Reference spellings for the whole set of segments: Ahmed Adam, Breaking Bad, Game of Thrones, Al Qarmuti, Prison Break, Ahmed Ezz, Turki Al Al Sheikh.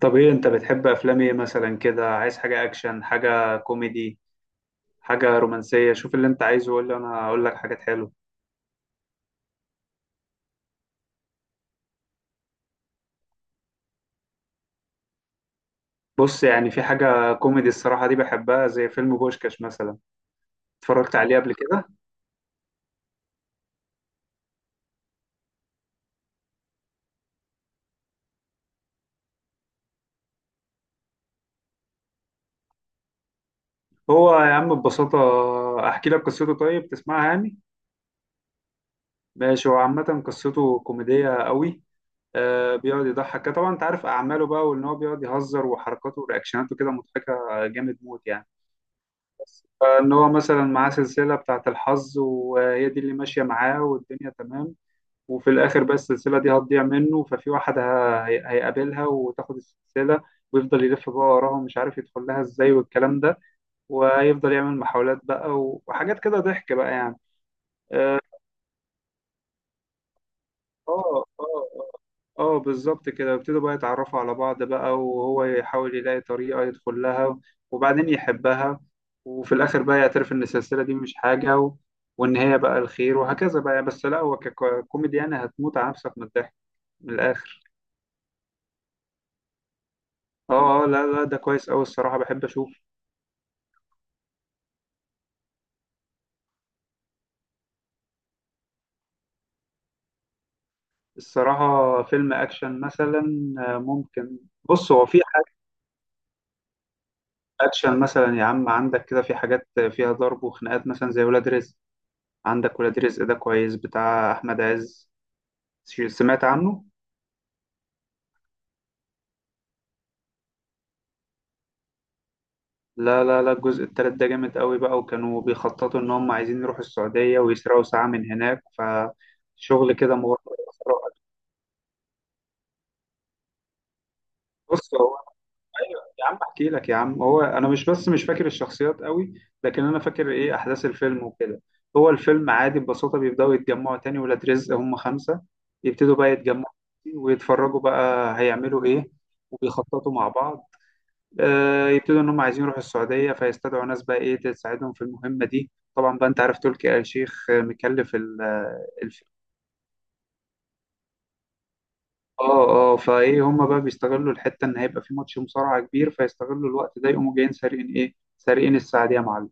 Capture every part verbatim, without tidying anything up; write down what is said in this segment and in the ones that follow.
طب ايه انت بتحب افلام ايه مثلا كده؟ عايز حاجة اكشن، حاجة كوميدي، حاجة رومانسية؟ شوف اللي انت عايزه وقول لي، انا اقول لك حاجات حلوة. بص، يعني في حاجة كوميدي الصراحة دي بحبها، زي فيلم بوشكاش مثلا. اتفرجت عليه قبل كده؟ هو يا عم ببساطة، احكي لك قصته؟ طيب تسمعها يعني؟ ماشي. هو عامة قصته كوميدية قوي، آه بيقعد يضحك كده. طبعا انت عارف اعماله بقى، وان هو بيقعد يهزر وحركاته ورياكشناته كده مضحكة، جامد موت يعني. ان هو مثلا معاه سلسله بتاعه الحظ، وهي دي اللي ماشيه معاه والدنيا تمام. وفي الاخر بقى السلسله دي هتضيع منه، ففي واحد ه- هي- هيقابلها وتاخد السلسله، ويفضل يلف بقى وراها ومش عارف يدخل لها ازاي والكلام ده. وهيفضل يعمل محاولات بقى و- وحاجات كده، ضحك بقى يعني. آه، اه، اه، اه، آه، بالظبط كده. يبتدوا بقى يتعرفوا على بعض بقى، وهو يحاول يلاقي طريقة يدخل لها، وبعدين يحبها. وفي الآخر بقى يعترف إن السلسلة دي مش حاجة و... وإن هي بقى الخير، وهكذا بقى. بس لا، هو ككوميدي يعني هتموت على نفسك من الضحك، من الآخر. اه اه، لا لا، ده كويس أوي الصراحة، بحب أشوف. الصراحة فيلم أكشن مثلا، آه، ممكن. بص، هو في حاجة أكشن مثلا يا عم، عندك كده في حاجات فيها ضرب وخناقات مثلا زي ولاد رزق. عندك ولاد رزق، ده كويس، بتاع احمد عز. ش- سمعت عنه؟ لا لا لا، الجزء التالت ده جامد قوي بقى، وكانوا بيخططوا ان هم عايزين يروحوا السعودية ويسرقوا ساعة من هناك، فشغل كده مغامرة. بص هو، ايوه يا عم احكي لك يا عم. هو انا مش، بس مش فاكر الشخصيات قوي، لكن انا فاكر ايه احداث الفيلم وكده. هو الفيلم عادي ببساطة، بيبداوا يتجمعوا تاني. ولاد رزق هم خمسة، يبتدوا بقى يتجمعوا، ويتفرجوا بقى هيعملوا ايه، وبيخططوا مع بعض. آه، يبتدوا ان هم عايزين يروحوا السعوديه، فيستدعوا ناس بقى ايه تساعدهم في المهمه دي. طبعا بقى انت عارف تركي آل الشيخ آه، مكلف ال- اه اه. فايه هما بقى بيستغلوا الحته ان هيبقى في ماتش مصارعه كبير، فيستغلوا الوقت ده يقوموا جايين سارقين ايه، سارقين السعديه يا معلم.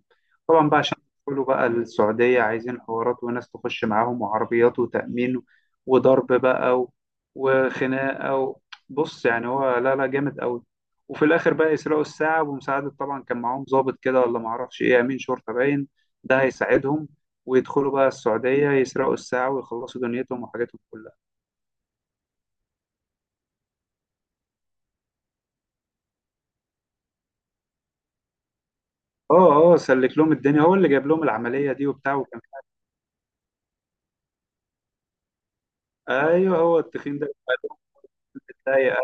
طبعا بقى عشان يدخلوا بقى السعوديه عايزين حوارات وناس تخش معاهم وعربيات وتامين، وضرب بقى و- وخناقه و... بص، يعني هو لا لا، جامد قوي. وفي الاخر بقى يسرقوا الساعه بمساعده. طبعا كان معاهم ضابط كده، ولا معرفش ايه، امين شرطه باين، ده هيساعدهم، ويدخلوا بقى السعوديه، يسرقوا الساعه ويخلصوا دنيتهم وحاجاتهم كلها. اه اه، سلك لهم الدنيا، هو اللي جايب لهم العمليه دي وبتاع، وكان. ايوه هو التخين ده، اللي اتضايق.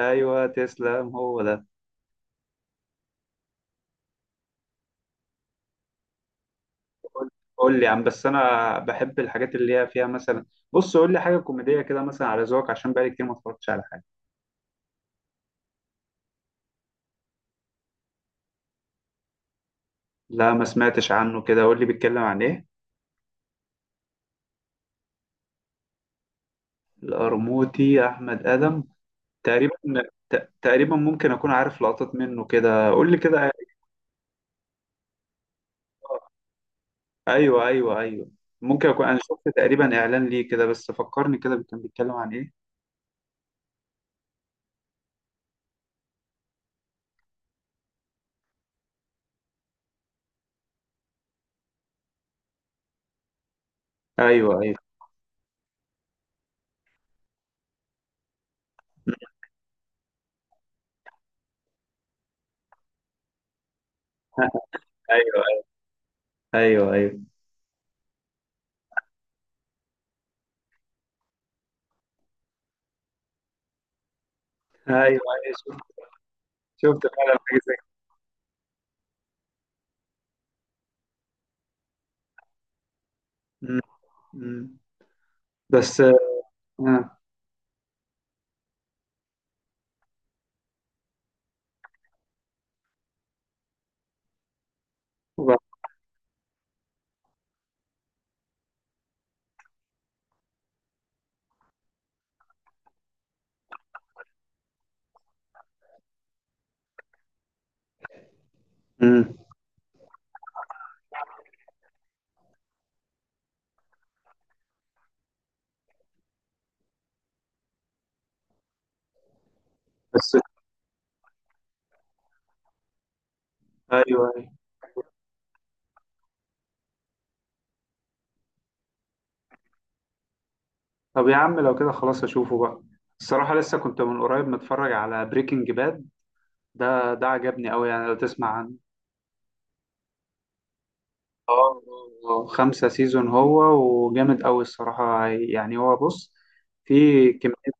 ايوه تسلم، هو ده. قول، قول لي يا عم. بس انا بحب الحاجات اللي هي فيها مثلا، بص قول لي حاجه كوميديه كده مثلا على ذوقك، عشان بقالي كتير ما اتفرجتش على حاجه. لا ما سمعتش عنه كده، قول لي بيتكلم عن ايه. القرموطي احمد ادم، تقريبا، ت- تقريبا ممكن اكون عارف لقطات منه كده، قول لي كده. ايوه ايوه ايوه، ممكن اكون انا شفت تقريبا اعلان ليه كده، بس فكرني كده كان بيتكلم عن ايه. ايوه ايوه ايوه، ايوه ايوه، ايوه ايوه، شفت. شفت فعلا حاجه زي كده. م- م. بس آه. وبعد- م. بس. ايوه ايوه. طب يا عم لو كده خلاص اشوفه بقى. الصراحه لسه كنت من قريب متفرج على بريكنج باد، ده ده عجبني قوي يعني، لو تسمع عنه. اه، آه، آه. خمسة سيزون هو، وجامد قوي الصراحه. يعني هو بص، في كميه.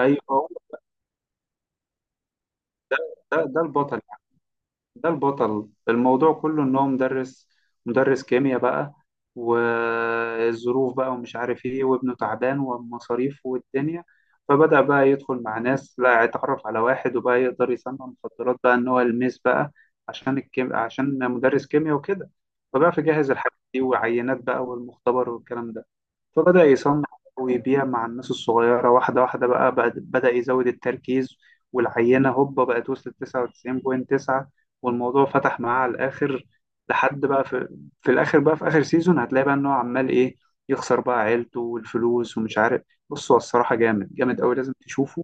ايوه هو، ده ده البطل. ده البطل. الموضوع كله ان هو مدرس، مدرس كيمياء بقى، والظروف بقى ومش عارف ايه، وابنه تعبان والمصاريف والدنيا، فبدأ بقى يدخل مع ناس. لا، اتعرف على واحد، وبقى يقدر يصنع مخدرات بقى، ان هو يلمس بقى، عشان الكيم... عشان مدرس كيمياء وكده. فبقى في، جهز الحاجات دي وعينات بقى والمختبر والكلام ده. فبدأ يصنع، ويبيع مع الناس الصغيرة واحدة واحدة بقى. بعد- بدأ يزود التركيز، والعينة هوبا بقت وصلت تسعة وتسعين فاصلة تسعة، والموضوع فتح معاه على الآخر. لحد بقى في، في الآخر بقى، في آخر سيزون هتلاقي بقى إن هو عمال إيه، يخسر بقى عيلته والفلوس ومش عارف. بص هو الصراحة جامد جامد أوي، لازم تشوفه.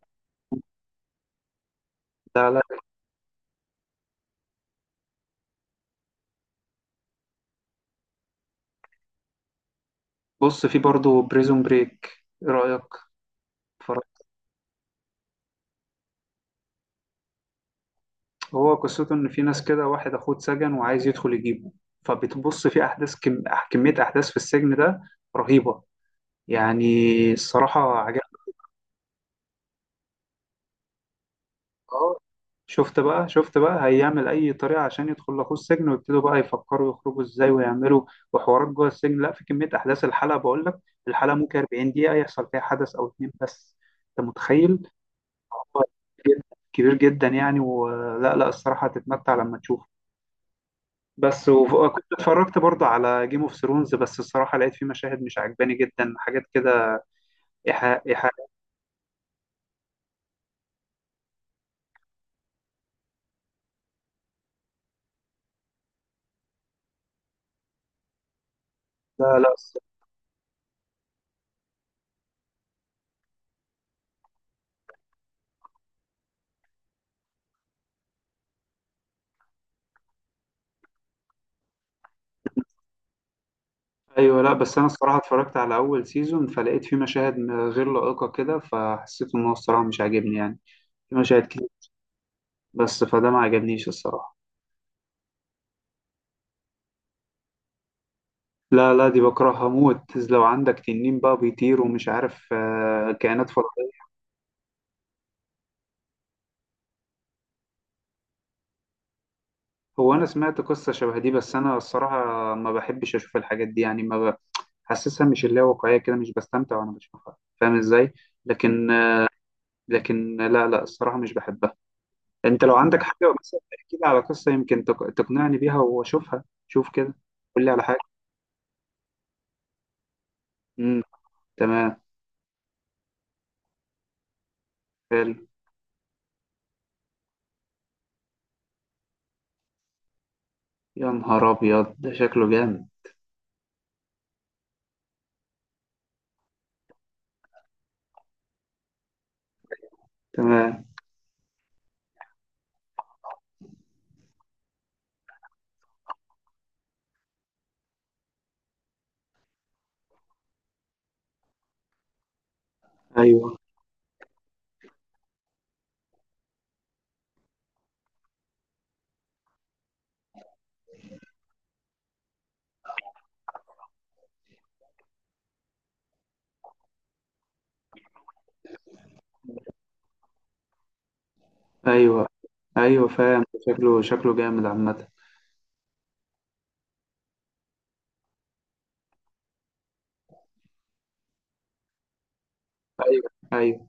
لا لا، بص في برضه بريزون بريك. إيه رأيك؟ هو قصته إن في ناس كده، واحد أخوه اتسجن وعايز يدخل يجيبه، فبتبص في أحداث كم... أح- كمية أحداث في السجن ده، رهيبة يعني، الصراحة عجبني. أه، شفت بقى، شفت بقى هيعمل أي طريقة عشان يدخل لأخوه السجن، ويبتدوا بقى يفكروا يخرجوا إزاي ويعملوا، وحوارات جوه السجن. لا في كمية أحداث، الحلقة بقول لك، الحلقة ممكن 40 دقيقة يحصل فيها حدث أو اتنين بس، أنت متخيل. هو كبير جدا يعني، ولا لا لا، الصراحة هتتمتع لما تشوف. بس وكنت اتفرجت برضه على جيم اوف ثرونز، بس الصراحه لقيت فيه مشاهد مش عجباني جدا، حاجات كده، ايحاء ايحاء. لا لا، الص- ايوه لا، بس انا الصراحه اتفرجت على اول سيزون، فلقيت فيه مشاهد م- غير لائقه كده، فحسيت ان هو الصراحه مش عاجبني يعني. في مشاهد كتير بس، فده ما عجبنيش الصراحه. لا لا، دي بكرهها موت. لو عندك تنين بقى بيطير ومش عارف آه، كائنات فضائيه. هو انا سمعت قصه شبه دي، بس انا الصراحه ما بحبش اشوف الحاجات دي يعني، ما حاسسها، مش اللي هي واقعية كده، مش بستمتع وانا بشوفها، فاهم ازاي. لكن، لكن لا لا، الصراحة مش بحبها. انت لو عندك حاجة مثلا، احكي لي على قصة يمكن تق- تقنعني بيها واشوفها، شوف كده. قول لي على حاجة. امم، تمام. حلو. يا نهار ابيض، ده شكله جامد. تمام. ايوه، ايوه ايوه فاهم. شكله، شكله جامد عامة. ايوه ايوه.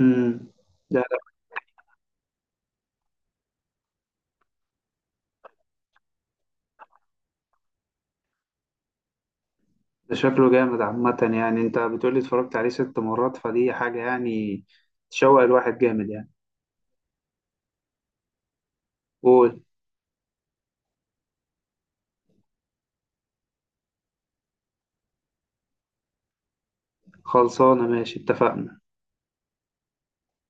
امم. لا لا، ده شكله جامد عامة يعني، انت بتقولي اتفرجت عليه ست مرات، فدي حاجة يعني تشوق الواحد جامد يعني. قول. خلصانة، ماشي اتفقنا.